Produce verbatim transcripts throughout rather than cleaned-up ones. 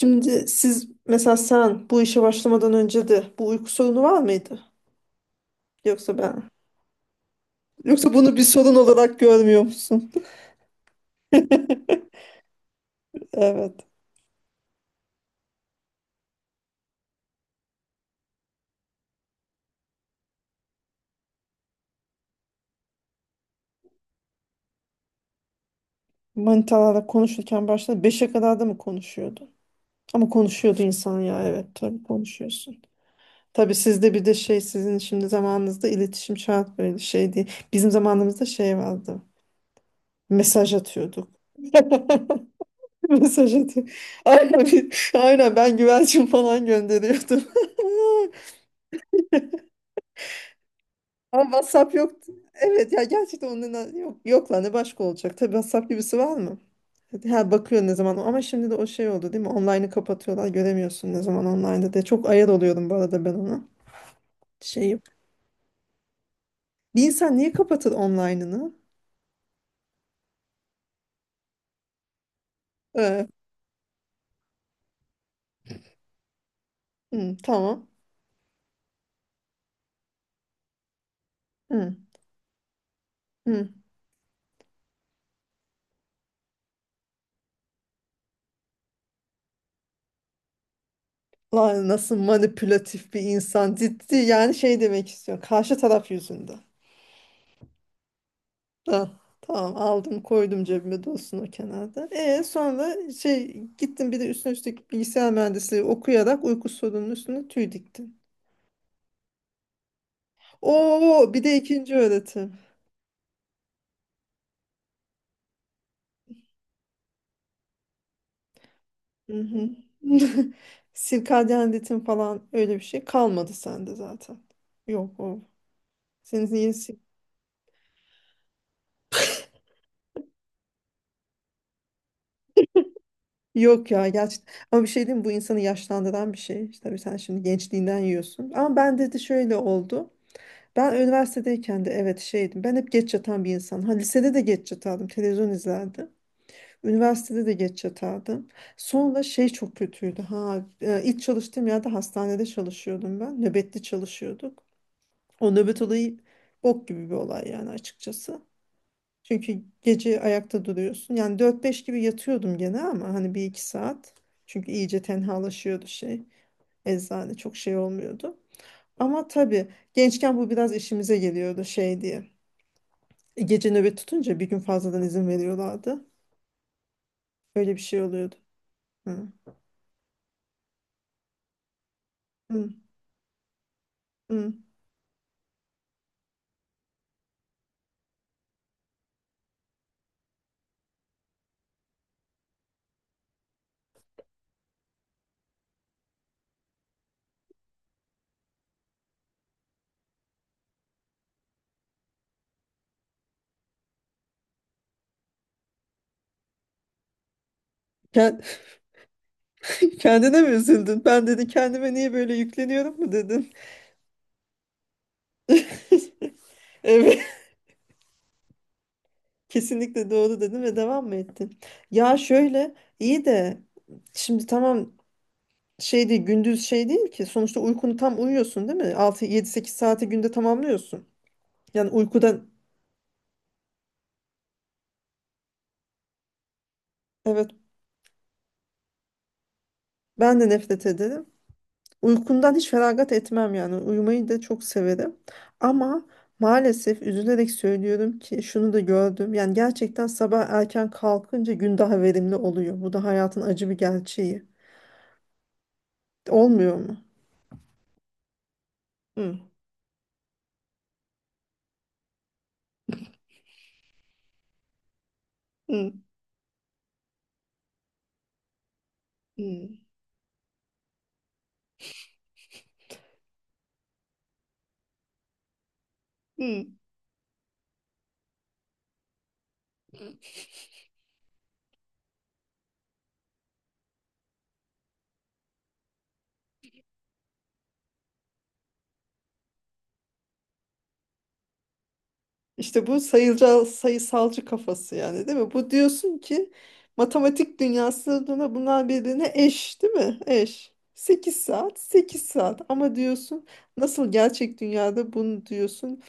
Şimdi siz mesela sen bu işe başlamadan önce de bu uyku sorunu var mıydı? Yoksa ben yoksa bunu bir sorun olarak görmüyor musun? Evet. Manitalarla konuşurken başta beşe kadar da mı konuşuyordu? Ama konuşuyordu insan ya, evet, tabii konuşuyorsun. Tabii sizde bir de şey, sizin şimdi zamanınızda iletişim şart, böyle şey değil. Bizim zamanımızda şey vardı. Mesaj atıyorduk. Mesaj atıyor. Aynen, bir- aynen ben güvercin falan gönderiyordum. Ama WhatsApp yoktu. Evet ya, gerçekten onun yok, yok lan ne başka olacak. Tabii WhatsApp gibisi var mı? Ha bakıyor ne zaman, ama şimdi de o şey oldu değil mi? Online'ı kapatıyorlar, göremiyorsun ne zaman online'da diye. Çok ayar oluyorum bu arada ben ona. Şey, bir insan niye kapatır online'ını? Ee, hı, tamam. Hı, hı. Lan nasıl manipülatif bir insan, ciddi yani şey demek istiyor karşı taraf yüzünden. Da, tamam, aldım koydum cebime, dursun o kenarda. E sonra şey gittim, bir de üstüne üstlük bilgisayar mühendisliği okuyarak uyku sorununun üstüne tüy diktim. Oo, bir de ikinci öğretim. Hı hı. Sirkadyen ritim falan öyle bir şey kalmadı sende zaten. Yok o. Senin yenisi. Yok ya, gerçekten. Ama bir şey diyeyim mi? Bu insanı yaşlandıran bir şey. İşte tabii sen şimdi gençliğinden yiyorsun. Ama ben dedi şöyle oldu. Ben üniversitedeyken de evet şeydim. Ben hep geç yatan bir insan. Ha, lisede de geç yatardım. Televizyon izlerdim. Üniversitede de geç yatardım. Sonra şey çok kötüydü. Ha, e, ilk çalıştığım yerde hastanede çalışıyordum ben. Nöbetli çalışıyorduk. O nöbet olayı bok gibi bir olay yani, açıkçası. Çünkü gece ayakta duruyorsun. Yani dört beş gibi yatıyordum gene, ama hani bir iki saat. Çünkü iyice tenhalaşıyordu şey. Eczane çok şey olmuyordu. Ama tabii gençken bu biraz işimize geliyordu şey diye. E, Gece nöbet tutunca bir gün fazladan izin veriyorlardı. Öyle bir şey oluyordu. Hı. Hı. Hı. Ken- Kendine mi üzüldün? Ben dedi kendime niye böyle yükleniyorum mu dedin? Evet, kesinlikle doğru dedim ve devam mı ettin? Ya şöyle, iyi de şimdi tamam, şey değil gündüz, şey değil ki sonuçta uykunu tam uyuyorsun değil mi? Altı yedi sekiz saati günde tamamlıyorsun. Yani uykudan, evet, ben de nefret ederim. Uykumdan hiç feragat etmem yani. Uyumayı da çok severim. Ama maalesef üzülerek söylüyorum ki şunu da gördüm. Yani gerçekten sabah erken kalkınca gün daha verimli oluyor. Bu da hayatın acı bir gerçeği. Olmuyor mu? Hı, hı, hı, hı. İşte bu sayıcal, sayısalcı kafası yani değil mi? Bu diyorsun ki matematik dünyasında bunlar birbirine eş değil mi? Eş. Sekiz saat, sekiz saat, ama diyorsun nasıl gerçek dünyada bunu diyorsun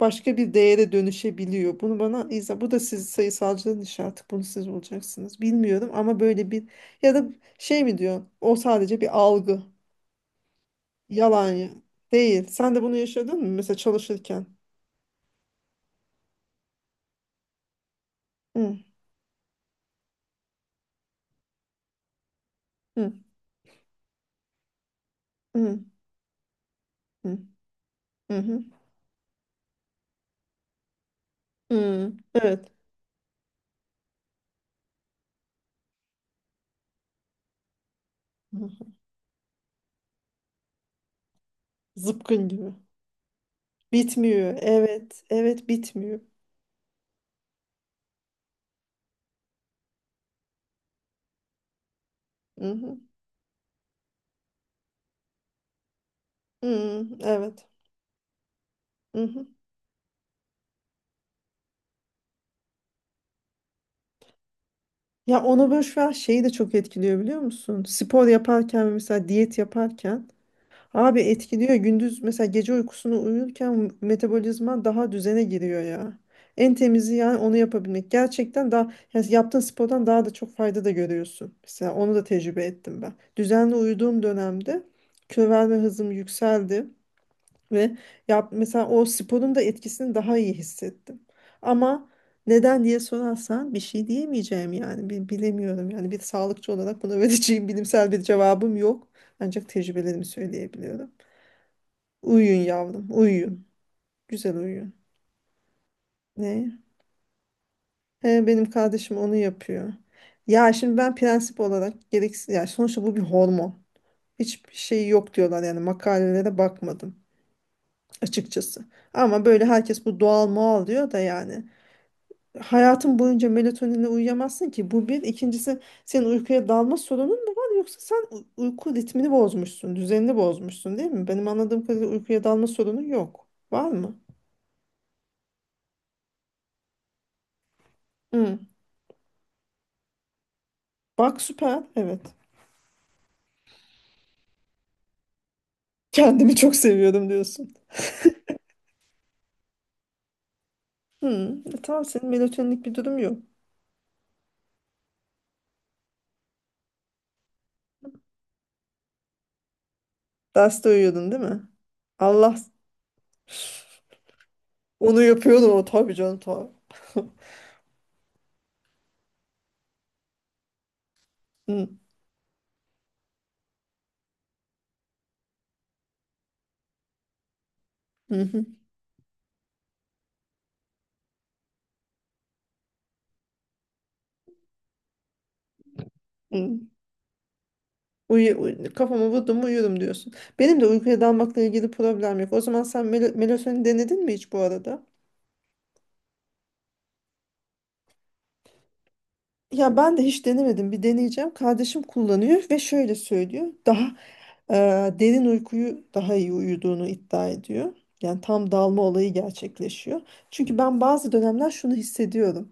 başka bir değere dönüşebiliyor. Bunu bana izah, bu da siz sayısalcının işi artık, bunu siz bulacaksınız. Bilmiyorum ama böyle bir, ya da şey mi diyor? O sadece bir algı, yalan ya. Değil. Sen de bunu yaşadın mı mesela çalışırken? Hı, hı, hı, hı, hı, hı. Hı. Evet. Hı hı. Zıpkın gibi. Bitmiyor. Evet. Evet, bitmiyor. Hı hı. Hı, evet. Hı hı. Ya onu boş ver, şeyi de çok etkiliyor biliyor musun? Spor yaparken ve mesela diyet yaparken, abi etkiliyor. Gündüz mesela, gece uykusunu uyurken metabolizma daha düzene giriyor ya. En temizi yani onu yapabilmek. Gerçekten daha, yani yaptığın spordan daha da çok fayda da görüyorsun. Mesela onu da tecrübe ettim ben. Düzenli uyuduğum dönemde kilo verme hızım yükseldi ve yap, mesela o sporun da etkisini daha iyi hissettim. Ama neden diye sorarsan bir şey diyemeyeceğim yani. Bi- bilemiyorum. Yani bir sağlıkçı olarak buna vereceğim bilimsel bir cevabım yok. Ancak tecrübelerimi söyleyebiliyorum. Uyuyun yavrum, uyuyun. Güzel uyuyun. Ne? He, benim kardeşim onu yapıyor. Ya şimdi ben prensip olarak gereksiz ya, sonuçta bu bir hormon. Hiçbir şey yok diyorlar, yani makalelere bakmadım açıkçası. Ama böyle herkes bu doğal moal diyor da yani. Hayatın boyunca melatoninle uyuyamazsın ki. Bu bir. İkincisi, senin uykuya dalma sorunun mu var, yoksa sen u- uyku ritmini bozmuşsun, düzenini bozmuşsun değil mi? Benim anladığım kadarıyla uykuya dalma sorunu yok. Var mı? Hı. Bak süper. Evet. Kendimi çok seviyordum diyorsun. Hı, e tamam, senin melatoninlik bir durum yok. Derste uyuyordun değil mi? Allah onu yapıyordu o, tabii canım, tabii. Hı, hı, hı, hı. Uyu, uyu- kafamı vurdum mu uyuyorum diyorsun. Benim de uykuya dalmakla ilgili problem yok. O zaman sen mel melatonin denedin mi hiç bu arada? Ya ben de hiç denemedim. Bir deneyeceğim. Kardeşim kullanıyor ve şöyle söylüyor. Daha e, derin uykuyu daha iyi uyuduğunu iddia ediyor. Yani tam dalma olayı gerçekleşiyor. Çünkü ben bazı dönemler şunu hissediyorum.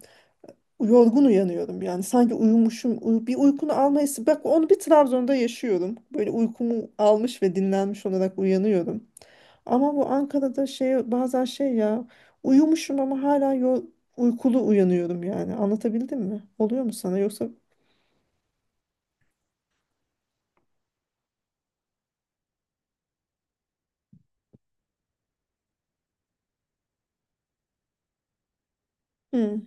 Yorgun uyanıyorum yani, sanki uyumuşum, uyu- bir uykunu alma, bak onu bir Trabzon'da yaşıyorum, böyle uykumu almış ve dinlenmiş olarak uyanıyorum, ama bu Ankara'da şey, bazen şey ya, uyumuşum ama hala yo- uykulu uyanıyorum, yani anlatabildim mi, oluyor mu sana yoksa "Hı,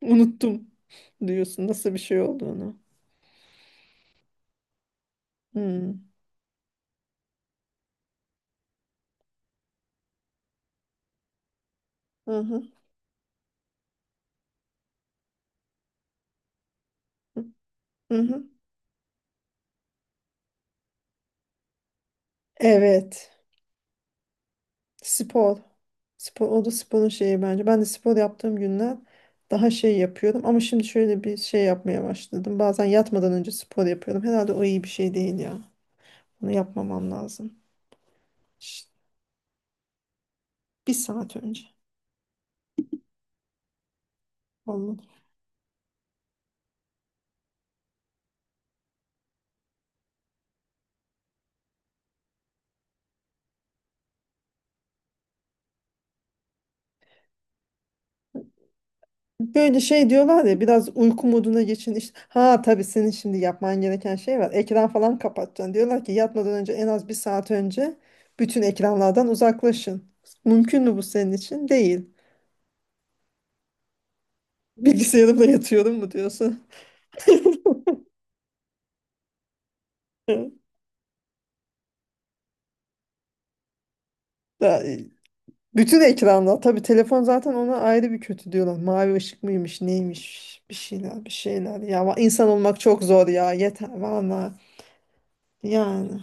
unuttum diyorsun nasıl bir şey olduğunu. Hı, hı, hı, hı, hı. Evet. Spor. Spor, o da sporun şeyi bence. Ben de spor yaptığım günler daha şey yapıyorum. Ama şimdi şöyle bir şey yapmaya başladım. Bazen yatmadan önce spor yapıyorum. Herhalde o iyi bir şey değil ya. Bunu yapmamam lazım. Şşt, bir saat önce. Olmadı. Böyle şey diyorlar ya, biraz uyku moduna geçin. İşte, ha tabii senin şimdi yapman gereken şey var. Ekran falan kapatacaksın. Diyorlar ki yatmadan önce en az bir saat önce bütün ekranlardan uzaklaşın. Mümkün mü bu senin için? Değil. Bilgisayarımla yatıyorum mu diyorsun? Da, e, bütün ekranda. Tabii telefon zaten ona ayrı bir kötü diyorlar. Mavi ışık mıymış, neymiş, bir şeyler, bir şeyler. Ya va- insan olmak çok zor ya. Yeter valla. Yani.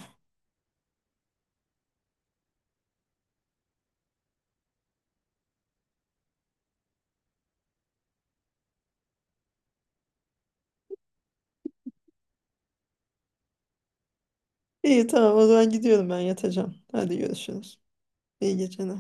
İyi tamam, o zaman gidiyorum ben, yatacağım. Hadi görüşürüz. İyi geceler.